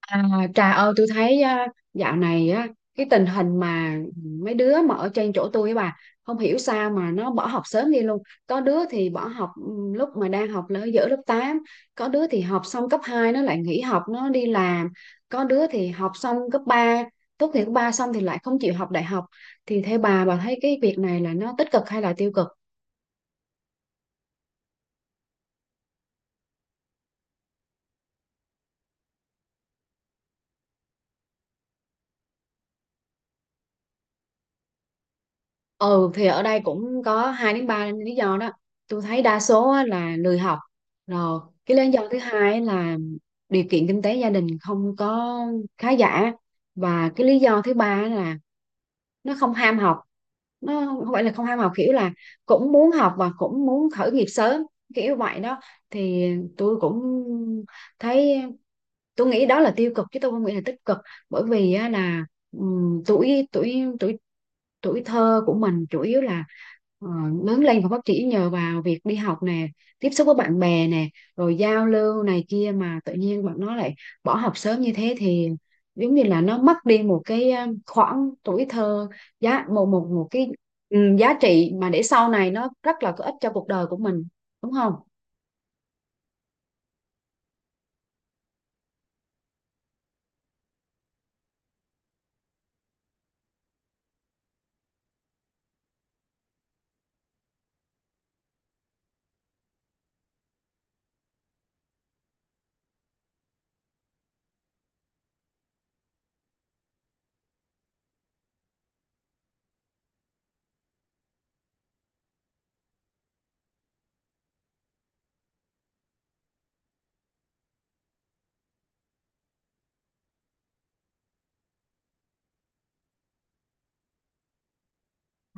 À, Trà ơi tôi thấy á, dạo này á, cái tình hình mà mấy đứa mà ở trên chỗ tôi á, bà không hiểu sao mà nó bỏ học sớm đi luôn. Có đứa thì bỏ học, lúc mà đang học là giữa lớp tám, có đứa thì học xong cấp 2 nó lại nghỉ học nó đi làm, có đứa thì học xong cấp ba, tốt nghiệp cấp 3 xong thì lại không chịu học đại học. Thì theo bà thấy cái việc này là nó tích cực hay là tiêu cực? Ừ thì ở đây cũng có hai đến ba lý do đó. Tôi thấy đa số á là lười học, rồi cái lý do thứ hai á là điều kiện kinh tế gia đình không có khá giả, và cái lý do thứ ba á là nó không ham học. Nó không phải là không ham học, kiểu là cũng muốn học và cũng muốn khởi nghiệp sớm, kiểu vậy đó. Thì tôi cũng thấy, tôi nghĩ đó là tiêu cực chứ tôi không nghĩ là tích cực. Bởi vì á, là tuổi tuổi tuổi tuổi thơ của mình chủ yếu là ờ, lớn lên và phát triển nhờ vào việc đi học nè, tiếp xúc với bạn bè nè, rồi giao lưu này kia, mà tự nhiên bạn nó lại bỏ học sớm như thế thì giống như là nó mất đi một cái khoảng tuổi thơ, giá một một một cái, giá trị mà để sau này nó rất là có ích cho cuộc đời của mình, đúng không?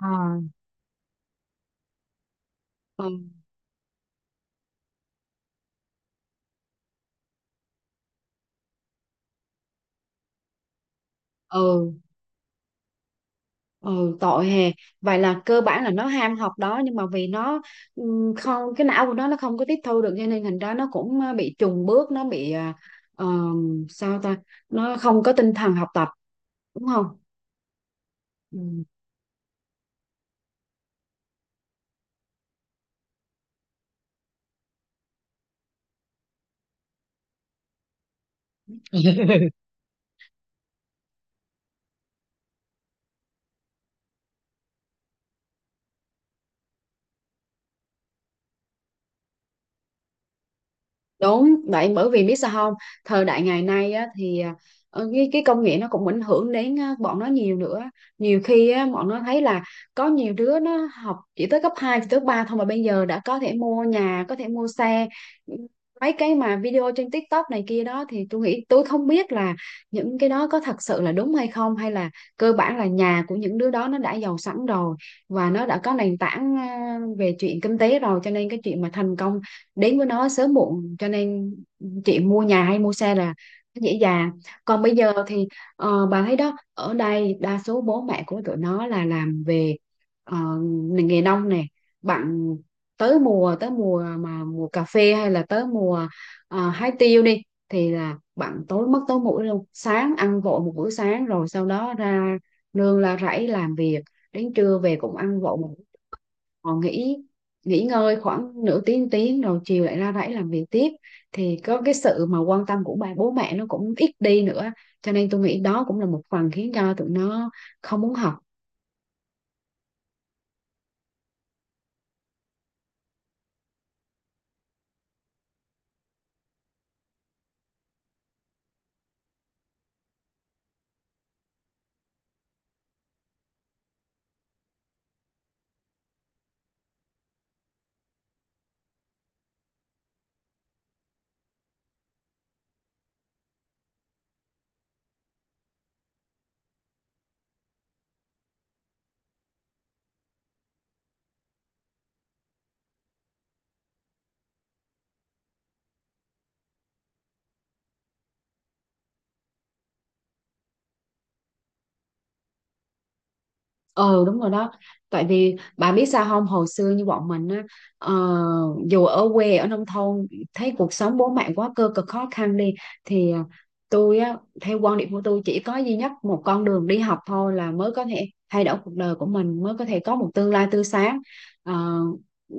Ờ. Ừ. Ừ. Ừ, tội hè. Vậy là cơ bản là nó ham học đó nhưng mà vì nó không, cái não của nó không có tiếp thu được, cho nên thành ra nó cũng bị chùng bước, nó bị sao ta, nó không có tinh thần học tập, đúng không? Ừ. Đúng vậy, bởi vì biết sao không, thời đại ngày nay á, thì cái công nghệ nó cũng ảnh hưởng đến bọn nó nhiều nữa. Nhiều khi á, bọn nó thấy là có nhiều đứa nó học chỉ tới cấp 2, chỉ tới cấp 3 thôi mà bây giờ đã có thể mua nhà, có thể mua xe, mấy cái mà video trên TikTok này kia đó, thì tôi nghĩ, tôi không biết là những cái đó có thật sự là đúng hay không, hay là cơ bản là nhà của những đứa đó nó đã giàu sẵn rồi và nó đã có nền tảng về chuyện kinh tế rồi, cho nên cái chuyện mà thành công đến với nó sớm muộn, cho nên chị mua nhà hay mua xe là dễ dàng. Còn bây giờ thì bà thấy đó, ở đây đa số bố mẹ của tụi nó là làm về ngành nghề nông nè, bạn, tới mùa, tới mùa mà mùa cà phê hay là tới mùa hái tiêu đi, thì là bạn tối mất tối mũi luôn, sáng ăn vội một bữa sáng rồi sau đó ra nương la rẫy làm việc, đến trưa về cũng ăn vội một, họ nghỉ, nghỉ ngơi khoảng nửa tiếng tiếng rồi chiều lại ra rẫy làm việc tiếp. Thì có cái sự mà quan tâm của bà bố mẹ nó cũng ít đi nữa, cho nên tôi nghĩ đó cũng là một phần khiến cho tụi nó không muốn học. Ừ, đúng rồi đó. Tại vì bà biết sao không, hồi xưa như bọn mình á, ờ, dù ở quê ở nông thôn, thấy cuộc sống bố mẹ quá cơ cực khó khăn đi, thì tôi á, theo quan điểm của tôi chỉ có duy nhất một con đường đi học thôi là mới có thể thay đổi cuộc đời của mình, mới có thể có một tương lai tươi sáng. Ờ.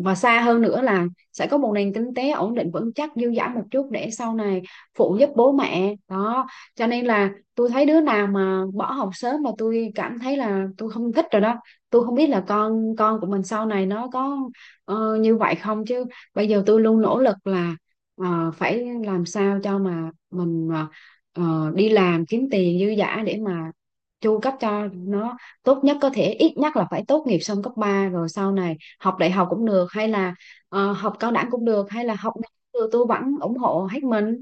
Và xa hơn nữa là sẽ có một nền kinh tế ổn định vững chắc, dư dả một chút để sau này phụ giúp bố mẹ đó, cho nên là tôi thấy đứa nào mà bỏ học sớm mà tôi cảm thấy là tôi không thích rồi đó. Tôi không biết là con của mình sau này nó có như vậy không chứ. Bây giờ tôi luôn nỗ lực là phải làm sao cho mà mình đi làm kiếm tiền dư dả để mà chu cấp cho nó tốt nhất có thể, ít nhất là phải tốt nghiệp xong cấp ba, rồi sau này học đại học cũng được, hay là học cao đẳng cũng được, hay là học nào cũng được, tôi vẫn ủng hộ hết mình.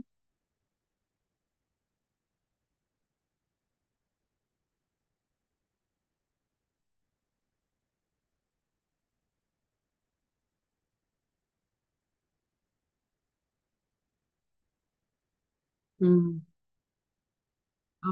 Ừ. Ừ.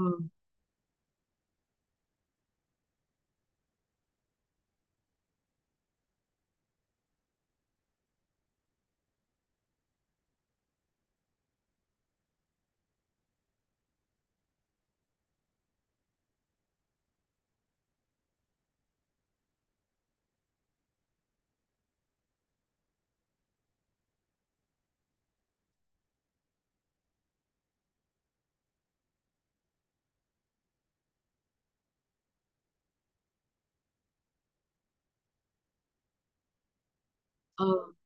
Ừ.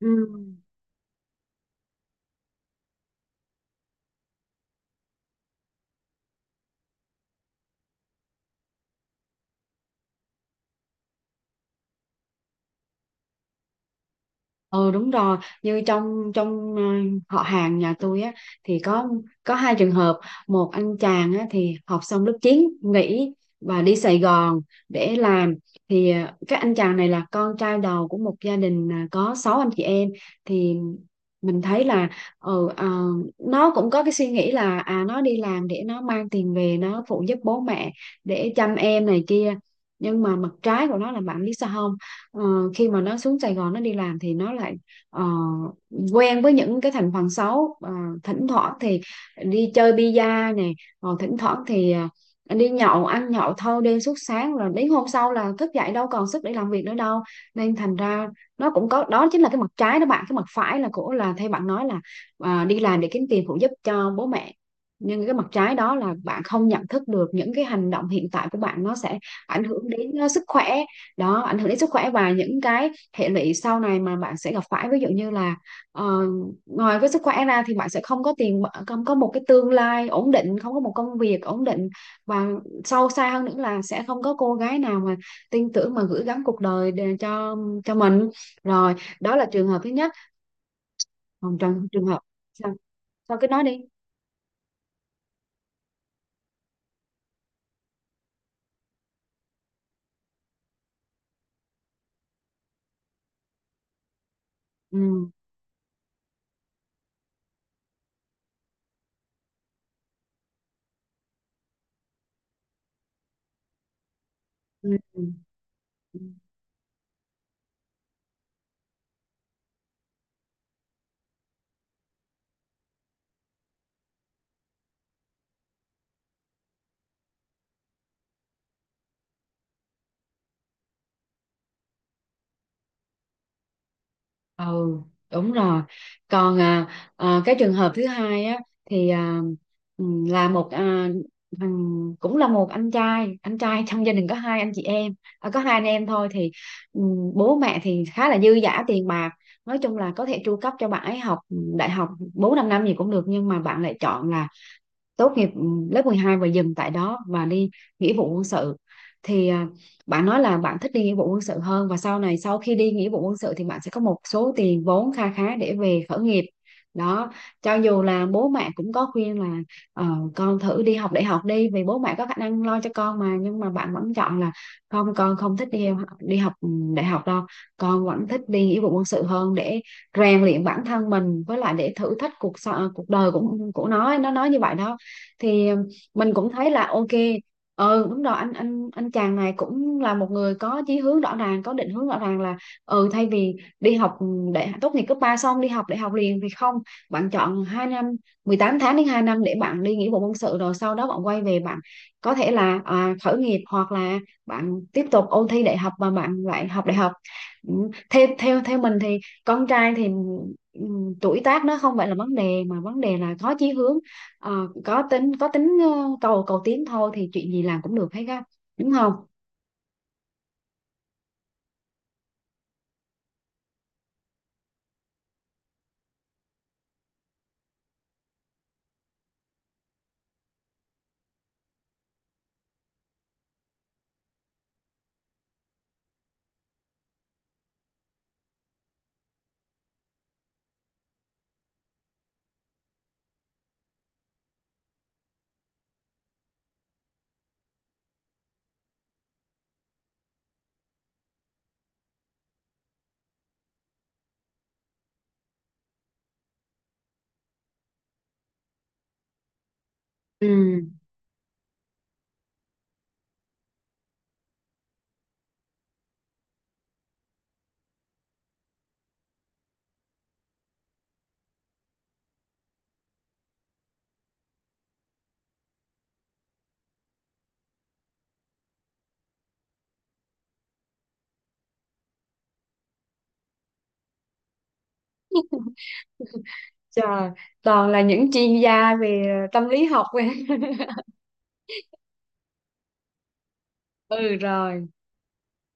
Ừ. Ừ, đúng rồi. Như trong trong họ hàng nhà tôi á thì có hai trường hợp. Một anh chàng á thì học xong lớp 9 nghỉ và đi Sài Gòn để làm. Thì cái anh chàng này là con trai đầu của một gia đình, có 6 anh chị em. Thì mình thấy là ừ, ờ, nó cũng có cái suy nghĩ là, à, nó đi làm để nó mang tiền về nó phụ giúp bố mẹ, để chăm em này kia. Nhưng mà mặt trái của nó là bạn biết sao không, ờ, khi mà nó xuống Sài Gòn nó đi làm thì nó lại ờ, quen với những cái thành phần xấu. Ờ, thỉnh thoảng thì đi chơi bida nè, rồi thỉnh thoảng thì đi nhậu, ăn nhậu thâu đêm suốt sáng rồi đến hôm sau là thức dậy đâu còn sức để làm việc nữa đâu, nên thành ra nó cũng có, đó chính là cái mặt trái đó bạn. Cái mặt phải là, của là, theo bạn nói là đi làm để kiếm tiền phụ giúp cho bố mẹ, nhưng cái mặt trái đó là bạn không nhận thức được những cái hành động hiện tại của bạn nó sẽ ảnh hưởng đến sức khỏe. Đó, ảnh hưởng đến sức khỏe và những cái hệ lụy sau này mà bạn sẽ gặp phải. Ví dụ như là ờ, ngoài cái sức khỏe ra thì bạn sẽ không có tiền, không có một cái tương lai ổn định, không có một công việc ổn định, và sâu xa hơn nữa là sẽ không có cô gái nào mà tin tưởng mà gửi gắm cuộc đời để cho mình, rồi. Đó là trường hợp thứ nhất, còn trường trường hợp, sao sao cứ nói đi. Ừ. Ừ. Ừ, đúng rồi. Còn cái trường hợp thứ hai á thì là một, cũng là một anh trai, trong gia đình có hai anh chị em, có hai anh em thôi. Thì ừ, bố mẹ thì khá là dư dả tiền bạc, nói chung là có thể tru cấp cho bạn ấy học đại học bốn năm năm gì cũng được, nhưng mà bạn lại chọn là tốt nghiệp, lớp 12, và dừng tại đó và đi nghĩa vụ quân sự. Thì bạn nói là bạn thích đi nghĩa vụ quân sự hơn, và sau này sau khi đi nghĩa vụ quân sự thì bạn sẽ có một số tiền vốn kha khá để về khởi nghiệp. Đó. Cho dù là bố mẹ cũng có khuyên là ờ, con thử đi học đại học đi vì bố mẹ có khả năng lo cho con mà, nhưng mà bạn vẫn chọn là không, con không thích đi đi học đại học đâu, con vẫn thích đi nghĩa vụ quân sự hơn để rèn luyện bản thân mình, với lại để thử thách cuộc đời của nó nói như vậy đó. Thì mình cũng thấy là ok. Ừ, đúng rồi, anh chàng này cũng là một người có chí hướng rõ ràng, có định hướng rõ ràng là, ừ, thay vì đi học để tốt nghiệp cấp 3 xong đi học đại học liền thì không, bạn chọn 2 năm, 18 tháng đến 2 năm, để bạn đi nghĩa vụ quân sự rồi sau đó bạn quay về, bạn có thể là khởi nghiệp, hoặc là bạn tiếp tục ôn thi đại học và bạn lại học đại học. Ừ, theo theo theo mình thì con trai thì ừ, tuổi tác nó không phải là vấn đề, mà vấn đề là có chí hướng. Ờ, có tính cầu cầu tiến thôi, thì chuyện gì làm cũng được hết á, đúng không? Ừ. Trời, toàn là những chuyên gia về tâm lý học. Ừ rồi.